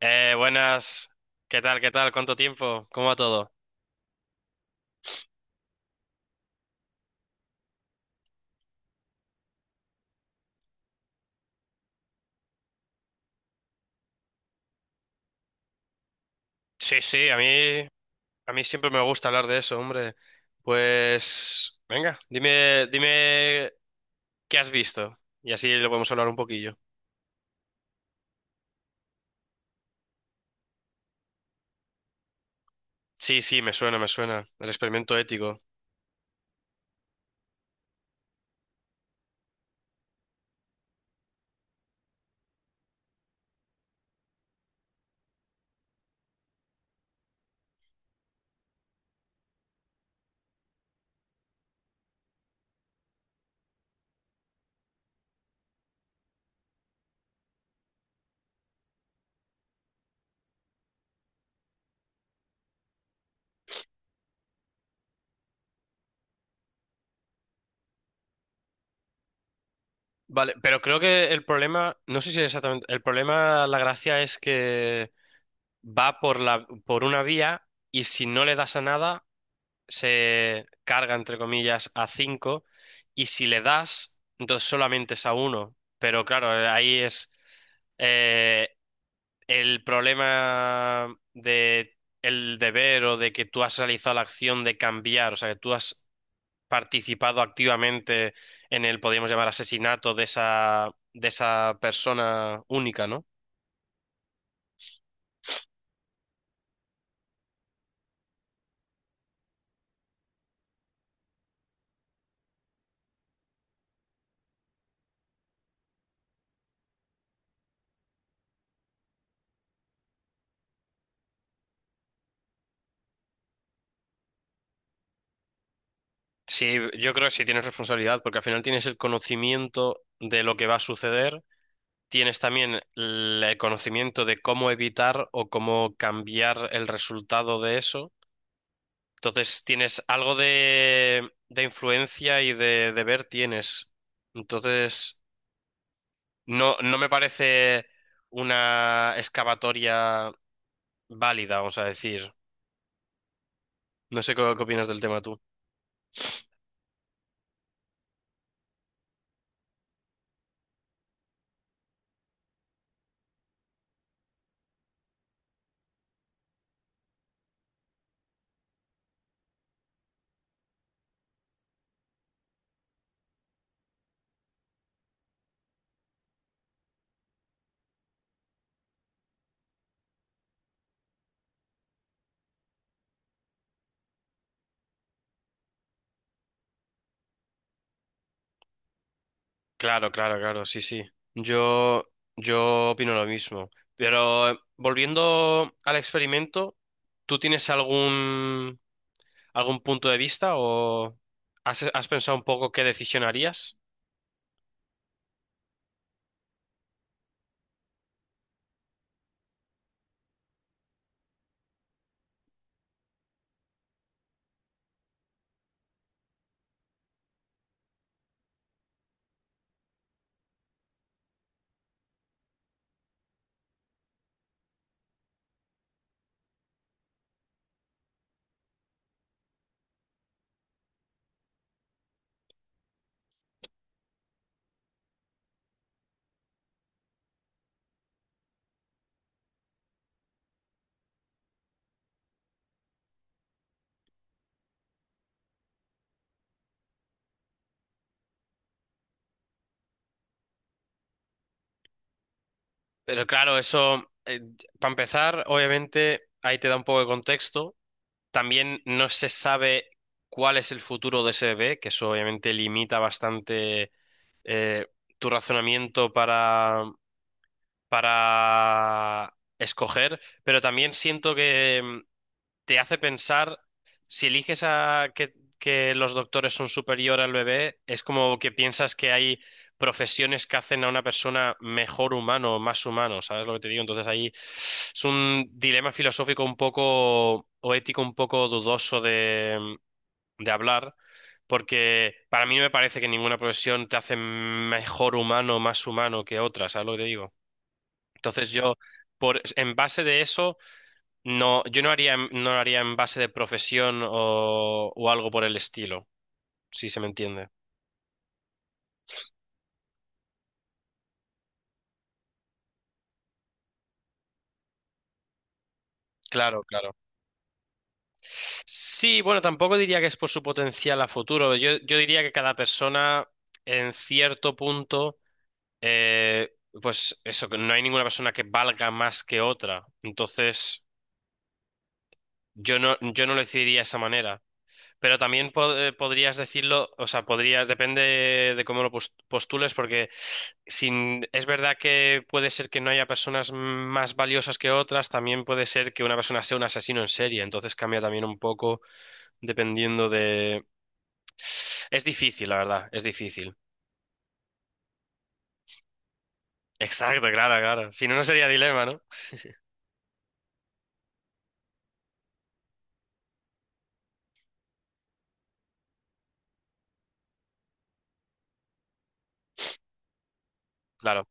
Buenas, ¿qué tal? ¿Qué tal? ¿Cuánto tiempo? ¿Cómo va todo? Sí, sí, a mí siempre me gusta hablar de eso, hombre. Pues, venga, dime qué has visto y así lo podemos hablar un poquillo. Sí, sí, me suena. El experimento ético. Vale, pero creo que el problema, no sé si exactamente, el problema, la gracia es que va por por una vía y si no le das a nada se carga, entre comillas, a 5 y si le das, entonces solamente es a uno. Pero claro, ahí es eh, el problema de el deber o de que tú has realizado la acción de cambiar, o sea, que tú has participado activamente en el, podríamos llamar, asesinato de esa persona única, ¿no? Sí, yo creo que sí tienes responsabilidad, porque al final tienes el conocimiento de lo que va a suceder, tienes también el conocimiento de cómo evitar o cómo cambiar el resultado de eso. Entonces tienes algo de influencia y de deber tienes. Entonces, no, no me parece una excavatoria válida, vamos a decir. No sé qué opinas del tema tú. Claro, claro, claro, sí, sí. Yo, yo opino lo mismo. Pero volviendo al experimento, ¿tú tienes algún punto de vista o has pensado un poco qué decisión harías? Pero claro, eso, para empezar, obviamente, ahí te da un poco de contexto. También no se sabe cuál es el futuro de ese bebé, que eso obviamente limita bastante eh, tu razonamiento para escoger, pero también siento que te hace pensar, si eliges a que los doctores son superior al bebé, es como que piensas que hay profesiones que hacen a una persona mejor humano, más humano, ¿sabes lo que te digo? Entonces ahí es un dilema filosófico un poco, o ético un poco dudoso de, de hablar. Porque para mí no me parece que ninguna profesión te hace mejor humano, más humano que otra, ¿sabes lo que te digo? Entonces en base de eso, no, yo no haría, no lo haría en base de profesión o algo por el estilo, si se me entiende. Claro, claro. Sí, bueno, tampoco diría que es por su potencial a futuro. Yo diría que cada persona, en cierto punto, eh, pues eso, que no hay ninguna persona que valga más que otra. Entonces, yo no lo decidiría de esa manera. Pero también podrías decirlo, o sea, podrías, depende de cómo lo postules, porque sin, es verdad que puede ser que no haya personas más valiosas que otras, también puede ser que una persona sea un asesino en serie, entonces cambia también un poco dependiendo de... Es difícil, la verdad, es difícil. Exacto, claro, claro. Si no, no sería dilema, ¿no? Claro,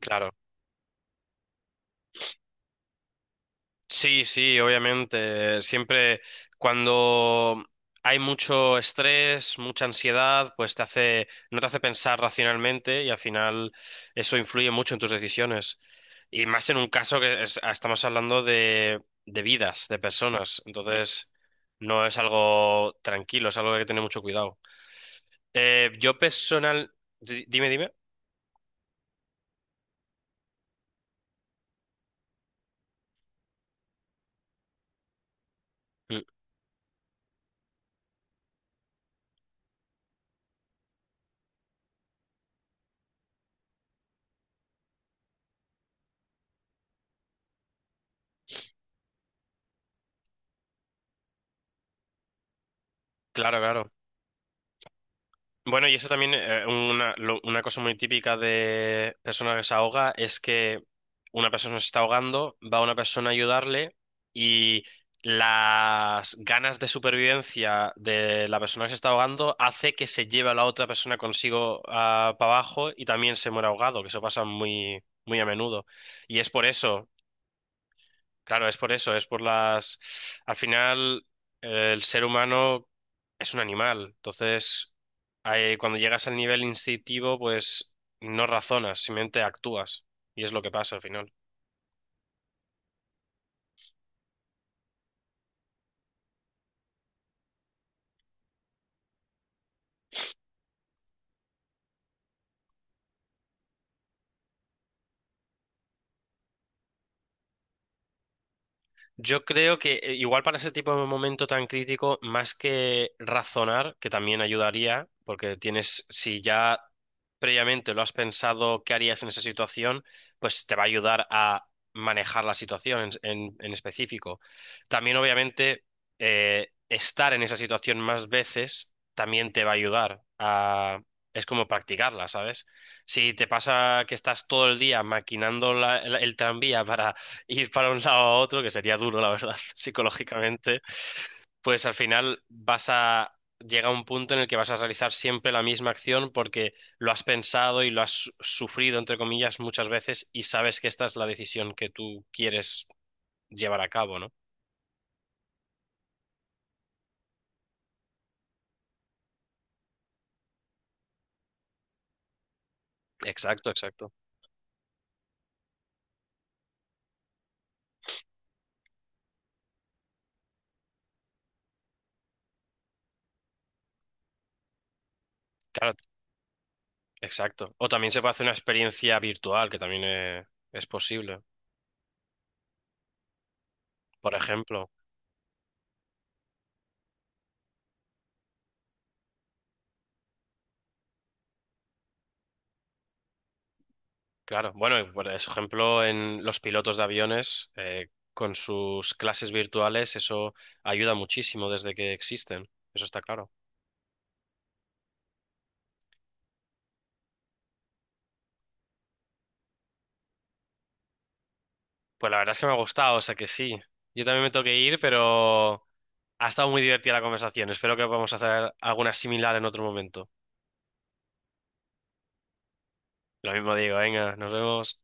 claro. Sí, sí, obviamente. Siempre cuando hay mucho estrés, mucha ansiedad, pues te hace, no te hace pensar racionalmente y al final eso influye mucho en tus decisiones. Y más en un caso que estamos hablando de vidas, de personas. Entonces, no es algo tranquilo, es algo que hay que tener mucho cuidado. Yo personal... Dime, dime. Mm. Claro, claro. Bueno, y eso también, una cosa muy típica de persona que se ahoga es que una persona se está ahogando, va una persona a ayudarle y las ganas de supervivencia de la persona que se está ahogando hace que se lleve a la otra persona consigo para abajo y también se muera ahogado, que eso pasa muy, muy a menudo. Y es por eso. Claro, es por eso, es por las... Al final, el ser humano es un animal, entonces ahí, cuando llegas al nivel instintivo, pues no razonas, simplemente actúas, y es lo que pasa al final. Yo creo que igual para ese tipo de momento tan crítico, más que razonar, que también ayudaría, porque tienes, si ya previamente lo has pensado, qué harías en esa situación, pues te va a ayudar a manejar la situación en específico. También, obviamente, estar en esa situación más veces también te va a ayudar a... Es como practicarla, ¿sabes? Si te pasa que estás todo el día maquinando el tranvía para ir para un lado a otro, que sería duro, la verdad, psicológicamente, pues al final vas a llega a un punto en el que vas a realizar siempre la misma acción porque lo has pensado y lo has sufrido, entre comillas, muchas veces y sabes que esta es la decisión que tú quieres llevar a cabo, ¿no? Exacto, exacto. Claro, exacto. O también se puede hacer una experiencia virtual, que también es posible. Por ejemplo. Claro, bueno, y por ejemplo, en los pilotos de aviones, con sus clases virtuales, eso ayuda muchísimo desde que existen, eso está claro. Pues la verdad es que me ha gustado, o sea que sí. Yo también me tengo que ir, pero ha estado muy divertida la conversación. Espero que podamos hacer alguna similar en otro momento. Lo mismo digo, venga, nos vemos.